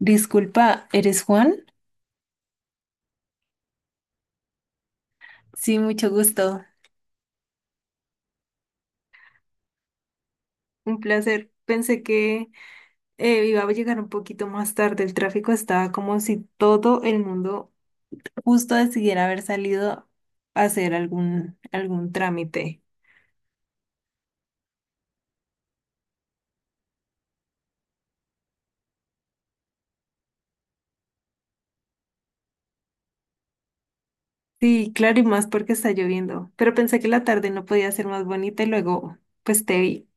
Disculpa, ¿eres Juan? Sí, mucho gusto. Un placer. Pensé que iba a llegar un poquito más tarde. El tráfico estaba como si todo el mundo justo decidiera haber salido a hacer algún trámite. Sí, claro, y más porque está lloviendo. Pero pensé que la tarde no podía ser más bonita y luego, pues te vi.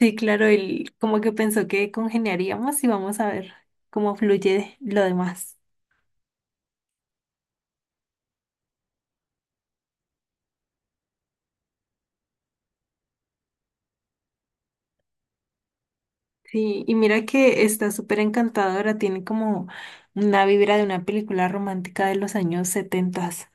Sí, claro, él como que pensó que congeniaríamos y vamos a ver cómo fluye lo demás. Sí, y mira que está súper encantadora, tiene como una vibra de una película romántica de los años setentas.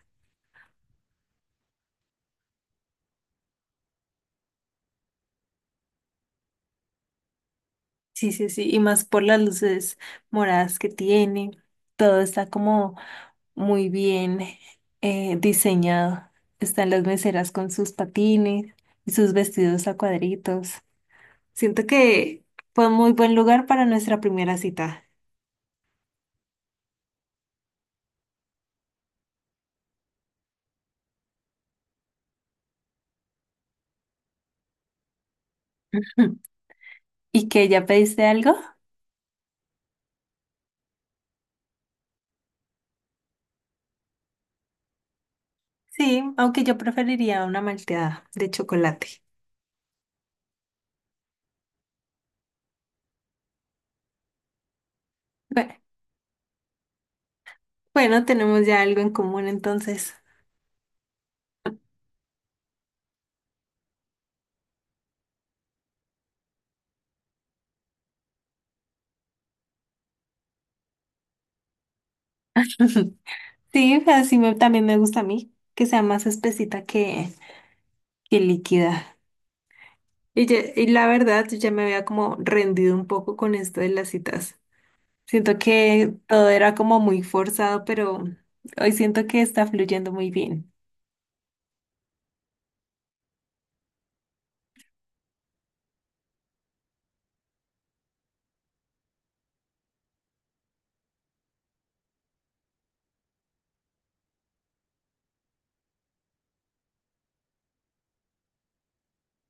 Sí, sí, sí, y más por las luces moradas que tiene, todo está como muy bien diseñado. Están las meseras con sus patines y sus vestidos a cuadritos. Siento que fue un muy buen lugar para nuestra primera cita. Ujú. ¿Y que ya pediste algo? Sí, aunque yo preferiría una malteada de chocolate. Bueno, tenemos ya algo en común entonces. Sí, así me- también me gusta a mí, que sea más espesita que líquida. Y, ya- y la verdad, yo ya me había como rendido un poco con esto de las citas. Siento que todo era como muy forzado, pero hoy siento que está fluyendo muy bien.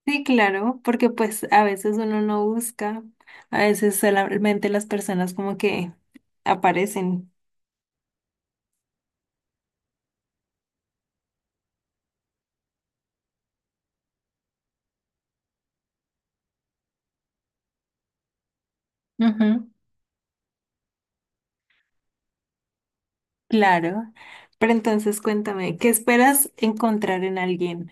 Sí, claro, porque pues a veces uno no busca, a veces solamente las personas como que aparecen. Ujú. Claro. Pero entonces cuéntame, ¿qué esperas encontrar en alguien?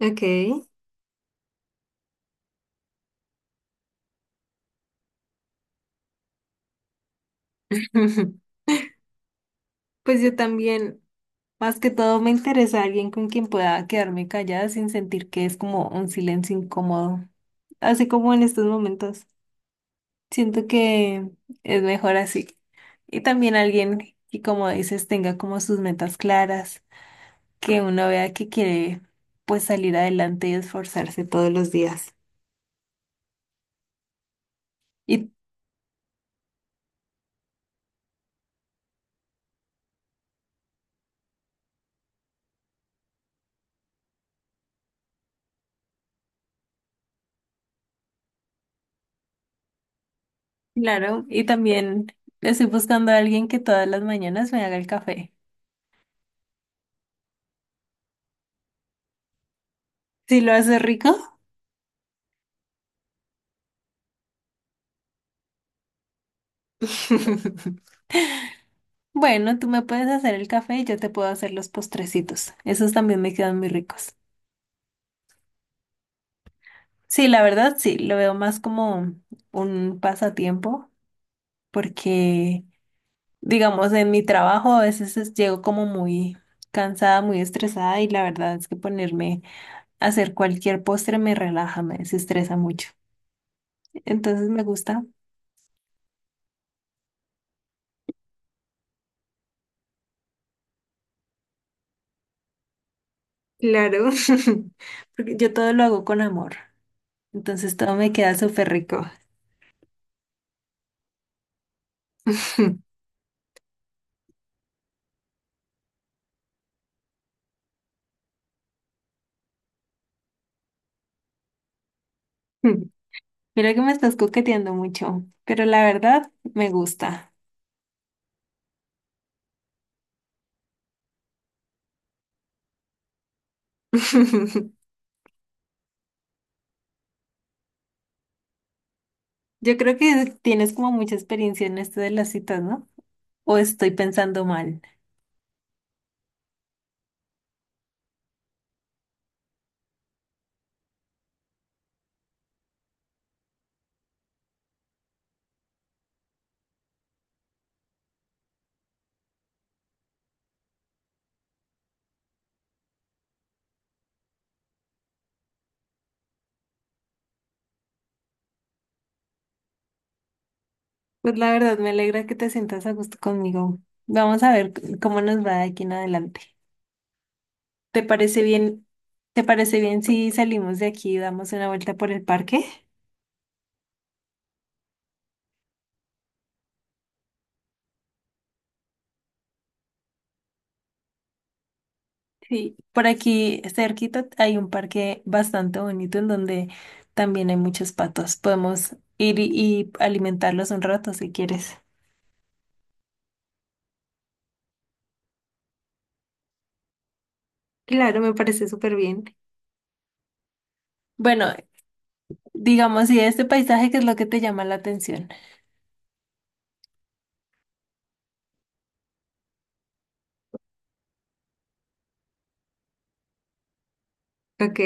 Ok. Pues yo también, más que todo, me interesa alguien con quien pueda quedarme callada sin sentir que es como un silencio incómodo, así como en estos momentos. Siento que es mejor así. Y también alguien que, como dices, tenga como sus metas claras, que uno vea que quiere pues salir adelante y esforzarse todos los días. Y claro, y también estoy buscando a alguien que todas las mañanas me haga el café. Si lo hace rico, bueno, tú me puedes hacer el café y yo te puedo hacer los postrecitos. Esos también me quedan muy ricos. Sí, la verdad, sí, lo veo más como un pasatiempo porque, digamos, en mi trabajo a veces es- llego como muy cansada, muy estresada y la verdad es que ponerme a hacer cualquier postre me relaja, me desestresa mucho. Entonces me gusta. Claro, porque yo todo lo hago con amor, entonces todo me queda súper rico. Mira que me estás coqueteando mucho, pero la verdad me gusta. Yo creo que tienes como mucha experiencia en esto de las citas, ¿no? O estoy pensando mal. Pues la verdad me alegra que te sientas a gusto conmigo. Vamos a ver c- cómo nos va de aquí en adelante. ¿Te parece bien? ¿Te parece bien si salimos de aquí y damos una vuelta por el parque? Sí, por aquí cerquita hay un parque bastante bonito en donde también hay muchos patos. Podemos ir y alimentarlos un rato si quieres. Claro, me parece súper bien. Bueno, digamos, y este paisaje qué es lo que te llama la atención. Ok.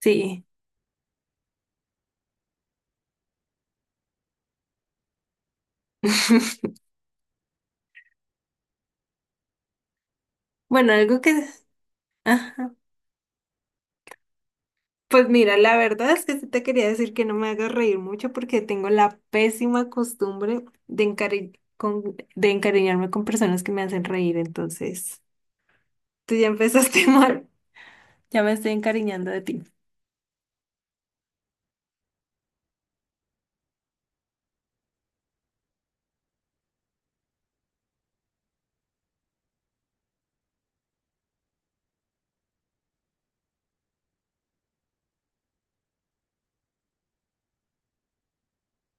Sí. Bueno, algo que... Ajá. Pues mira, la verdad es que sí te quería decir que no me hagas reír mucho porque tengo la pésima costumbre de encari- con- de encariñarme con personas que me hacen reír, entonces. Tú ya empezaste mal. Ya me estoy encariñando de ti.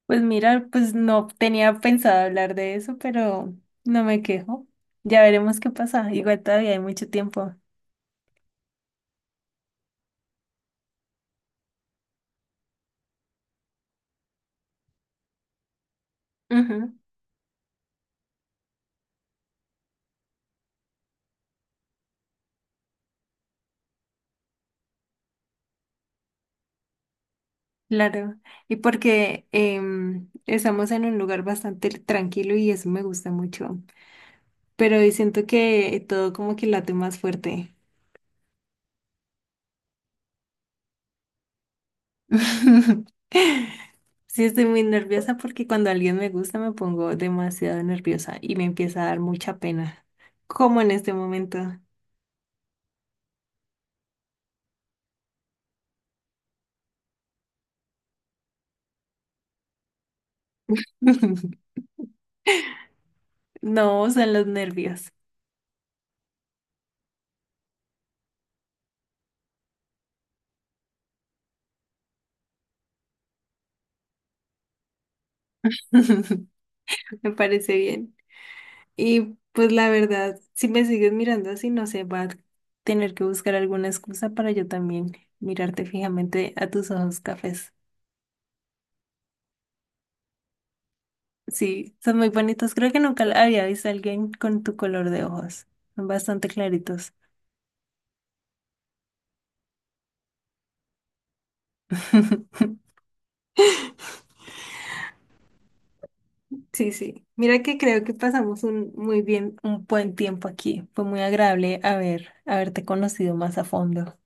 Pues mira, pues no tenía pensado hablar de eso, pero no me quejo. Ya veremos qué pasa. Igual todavía hay mucho tiempo. Ujú, claro. Y porque estamos en un lugar bastante tranquilo y eso me gusta mucho. Pero siento que todo como que late más fuerte. Sí, estoy muy nerviosa porque cuando alguien me gusta me pongo demasiado nerviosa y me empieza a dar mucha pena, como en este momento. No, son los nervios. Me parece bien. Y pues la verdad, si me sigues mirando así, no sé, va a tener que buscar alguna excusa para yo también mirarte fijamente a tus ojos cafés. Sí, son muy bonitos. Creo que nunca había visto a alguien con tu color de ojos. Son bastante claritos. Sí, sí. Mira que creo que pasamos un muy bien, un buen tiempo aquí. Fue muy agradable haber, haberte conocido más a fondo.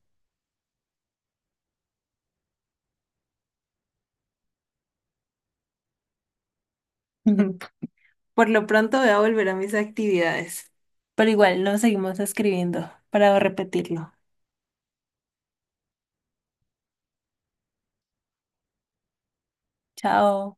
Ujú. Por lo pronto voy a volver a mis actividades. Pero igual nos seguimos escribiendo para repetirlo. Chao.